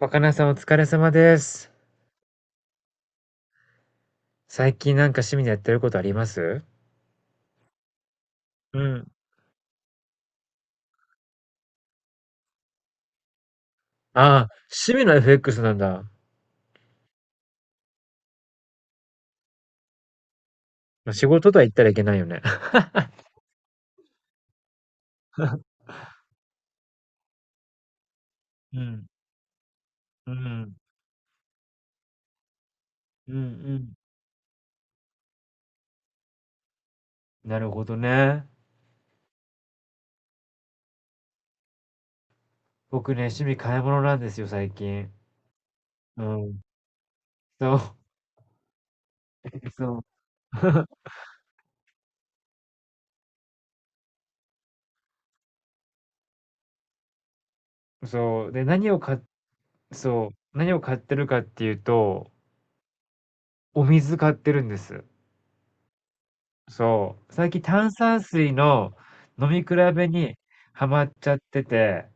若菜さんお疲れ様です。最近なんか趣味でやってることあります？うん、ああ、趣味の FX なんだ。まあ仕事とは言ったらいけないよね。うん、うん、うん、うん。なるほどね。僕ね、趣味買い物なんですよ、最近。うん。そう。そう。そう。で、何を買っ、そう。何を買ってるかっていうと、お水買ってるんです。そう。最近炭酸水の飲み比べにハマっちゃってて、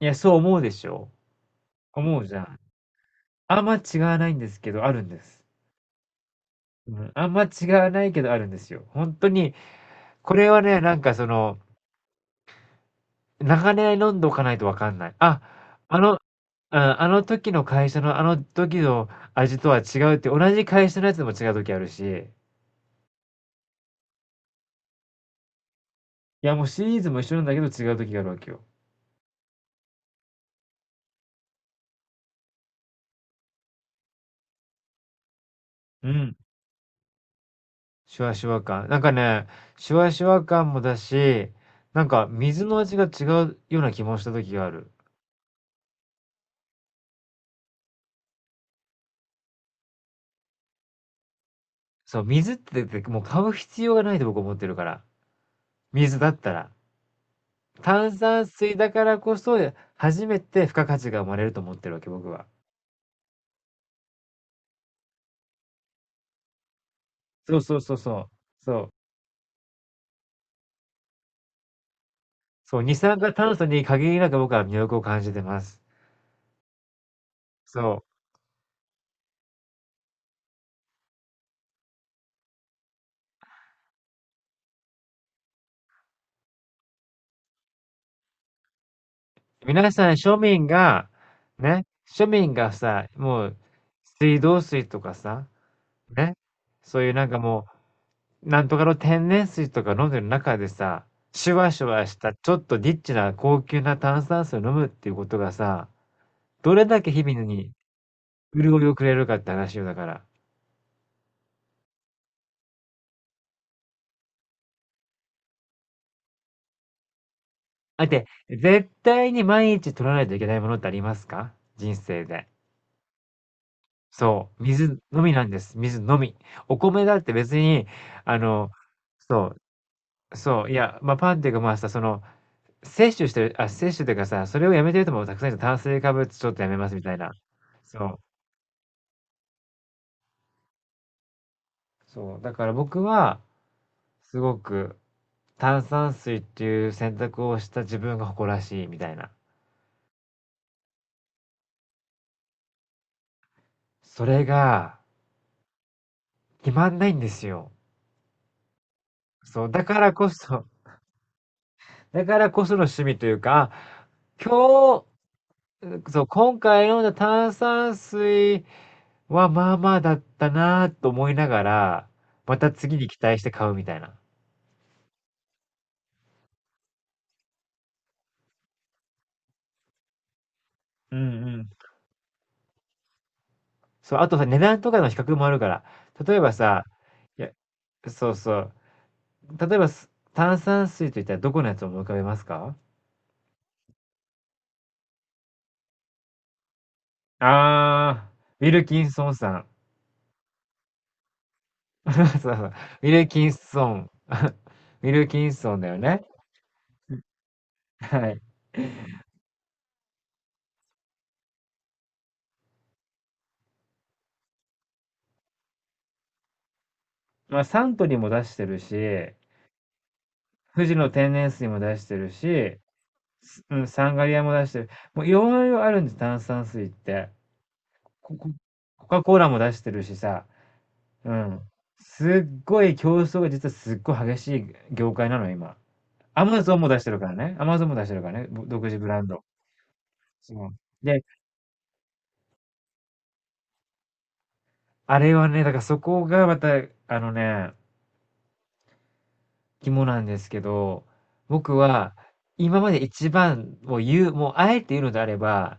いや、そう思うでしょ？思うじゃん。あんま違わないんですけど、あるんです。うん、あんま違わないけどあるんですよ。ほんとに、これはね、なんかその、長年飲んどかないとわかんない。あのうん、あの時の会社のあの時の味とは違うって、同じ会社のやつでも違う時あるし、いや、もうシリーズも一緒なんだけど違う時があるわけよ。うん、シュワシュワ感。なんかね、シュワシュワ感もだし、なんか水の味が違うような気もした時がある。そう、水ってだってもう買う必要がないと僕思ってるから。水だったら。炭酸水だからこそ、初めて付加価値が生まれると思ってるわけ、僕は。そうそうそうそう。そう。そう、二酸化炭素に限りなく僕は魅力を感じてます。そう。皆さん庶民が、ね、庶民がさ、もう、水道水とかさ、ね、そういうなんかもうなんとかの天然水とか飲んでる中でさ、シュワシュワしたちょっとリッチな高級な炭酸水を飲むっていうことがさ、どれだけ日々に潤いをくれるかって話よだから。だって、絶対に毎日取らないといけないものってありますか、人生で？そう、水のみなんです。水のみ。お米だって別に、あの、そう、そう、いや、まあ、パンっていうかまあさ、その、摂取してる、あ、摂取っていうかさ、それをやめてる人もたくさんいる炭水化物ちょっとやめますみたいな。そう。そう、だから僕は、すごく炭酸水っていう選択をした自分が誇らしいみたいな。それが、決まんないんですよ。そう、だからこその趣味というか、あ今日、そう、今回飲んだ炭酸水はまあまあだったなと思いながら、また次に期待して買うみたいな。うんうん。そう、あとさ、値段とかの比較もあるから、例えばさ、いや、そうそう、例えば、炭酸水といったらどこのやつを思い浮かべますか？ああ、ウィルキンソンさん。そうそう、ウィルキンソン。ウィルキンソンだよね。はい。まあ、サントリーも出してるし、富士の天然水も出してるし、すうん、サンガリアも出してる。もういろいろあるんです、炭酸水って。コココカ・コーラも出してるしさ、うん。すっごい競争が実はすっごい激しい業界なの、今。アマゾンも出してるからね。アマゾンも出してるからね。独自ブランド。そう。で、あれはね、だからそこがまた、あのね、肝なんですけど、僕は今まで一番を言う、もうあえて言うのであれば、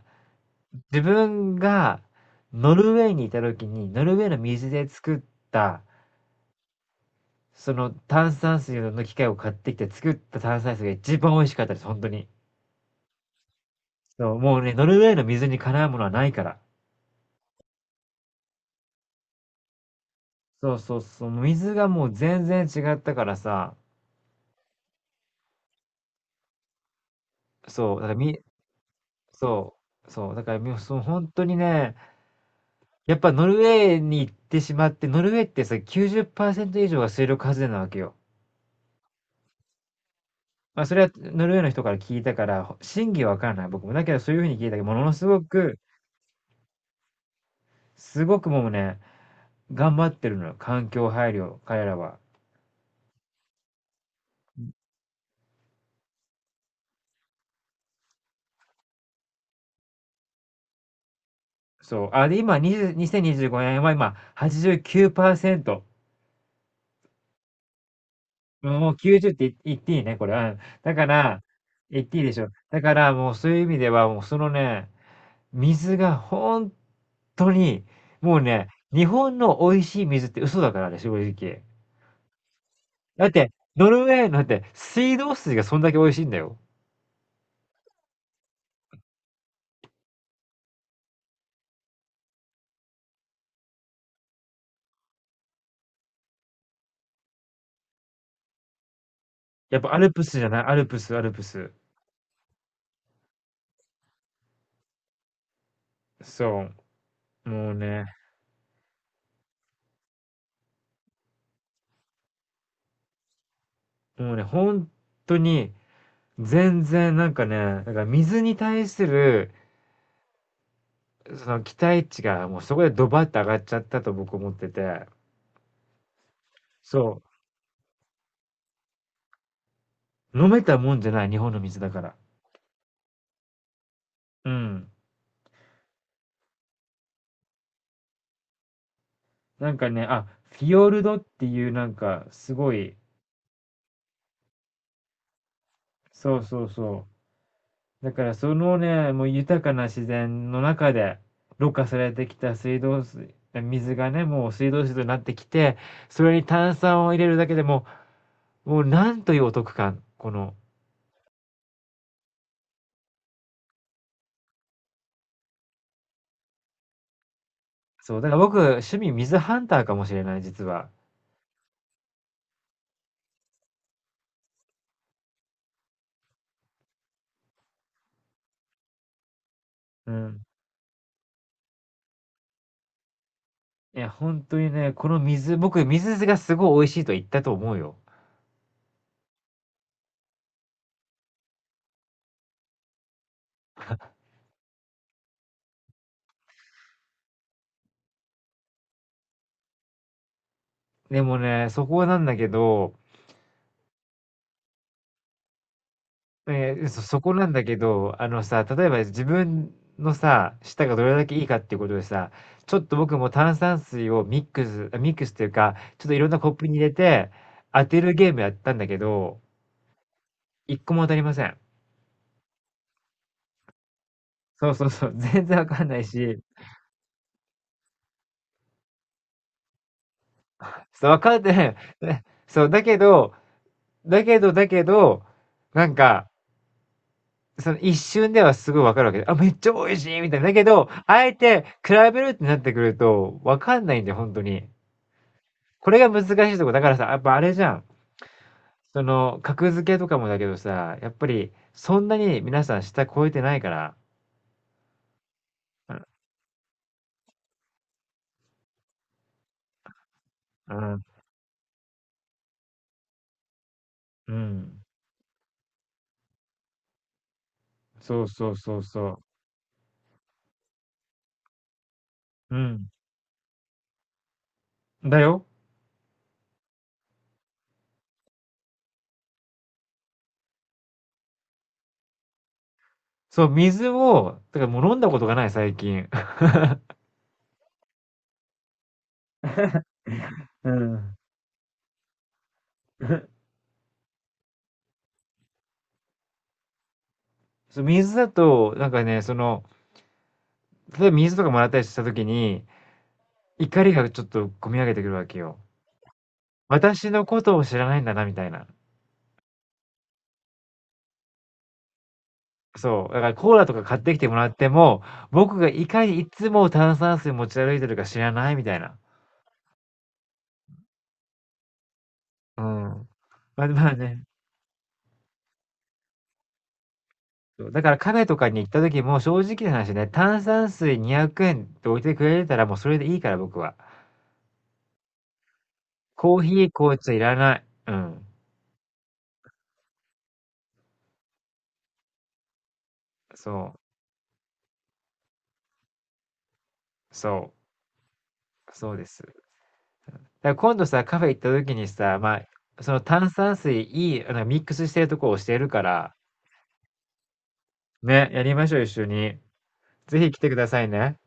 自分がノルウェーにいた時に、ノルウェーの水で作った、その炭酸水の機械を買ってきて作った炭酸水が一番美味しかったです、本当に。そう、もうね、ノルウェーの水にかなうものはないから。そうそうそう、もう水がもう全然違ったからさ、そう、だからそう、そう、だからそう本当にね、やっぱノルウェーに行ってしまって、ノルウェーってさ、90%以上が水力発電なわけよ。まあ、それはノルウェーの人から聞いたから、真偽はわからない、僕も。だけどそういう風に聞いたけど、ものすごく、すごくもうね、頑張ってるのよ、環境配慮、彼らは。そう。あ、で、今、20、2 5年は今、89%。もう90って言っていいね、これ。うん。だから、言っていいでしょ。だから、もうそういう意味では、もうそのね、水がほんとに、もうね、日本の美味しい水って嘘だからね、正直。だって、ノルウェーなんて水道水がそんだけ美味しいんだよ。やっぱアルプスじゃない、アルプスアルプス。そう。もうね、もうね、ほんとに全然なんかね、なんか水に対する、その期待値がもうそこでドバッと上がっちゃったと僕思ってて。そう、飲めたもんじゃない、日本の水だから。うん。なんかね、あ、フィヨルドっていうなんかすごい、そうそうそう。だからそのね、もう豊かな自然の中で、ろ過されてきた水道水、水がね、もう水道水となってきて、それに炭酸を入れるだけでも、もうなんというお得感、この。そう、だから僕、趣味水ハンターかもしれない、実は。うん。いや、本当にね、この水、僕、水がすごい美味しいと言ったと思うよ。でもね、そこなんだけど、あのさ、例えば自分のさ、舌がどれだけいいかっていうことでさ、ちょっと僕も炭酸水をミックスっていうか、ちょっといろんなコップに入れて当てるゲームやったんだけど、一個も当たりません。そうそうそう、全然わかんないし、そう、わかってない。ねそう、だけど、なんか、その一瞬ではすごいわかるわけで、あ、めっちゃ美味しいみたいな。だけど、あえて比べるってなってくると、わかんないんだよ、本当に。これが難しいとこ、だからさ、やっぱあれじゃん。その、格付けとかもだけどさ、やっぱり、そんなに皆さん下超えてないから。うん、うん、うん。そうそうそうそう。うん。だよ。そう、水を、だからもう飲んだことがない、最近。うん。そう、水だと、なんかね、その、例えば水とかもらったりした時に、怒りがちょっと込み上げてくるわけよ。私のことを知らないんだな、みたいな。そう、だからコーラとか買ってきてもらっても、僕がいかにいつも炭酸水持ち歩いてるか知らないみたいな。うん。まあ、まあね。そう、だからカフェとかに行った時も正直な話ね、炭酸水200円って置いてくれてたらもうそれでいいから僕は。コーヒー、紅茶いらない。うん。そう、そう、そうです。だから今度さ、カフェ行った時にさ、まあ、その炭酸水あのミックスしてるとこを教えるから、ね、やりましょう一緒に。ぜひ来てくださいね。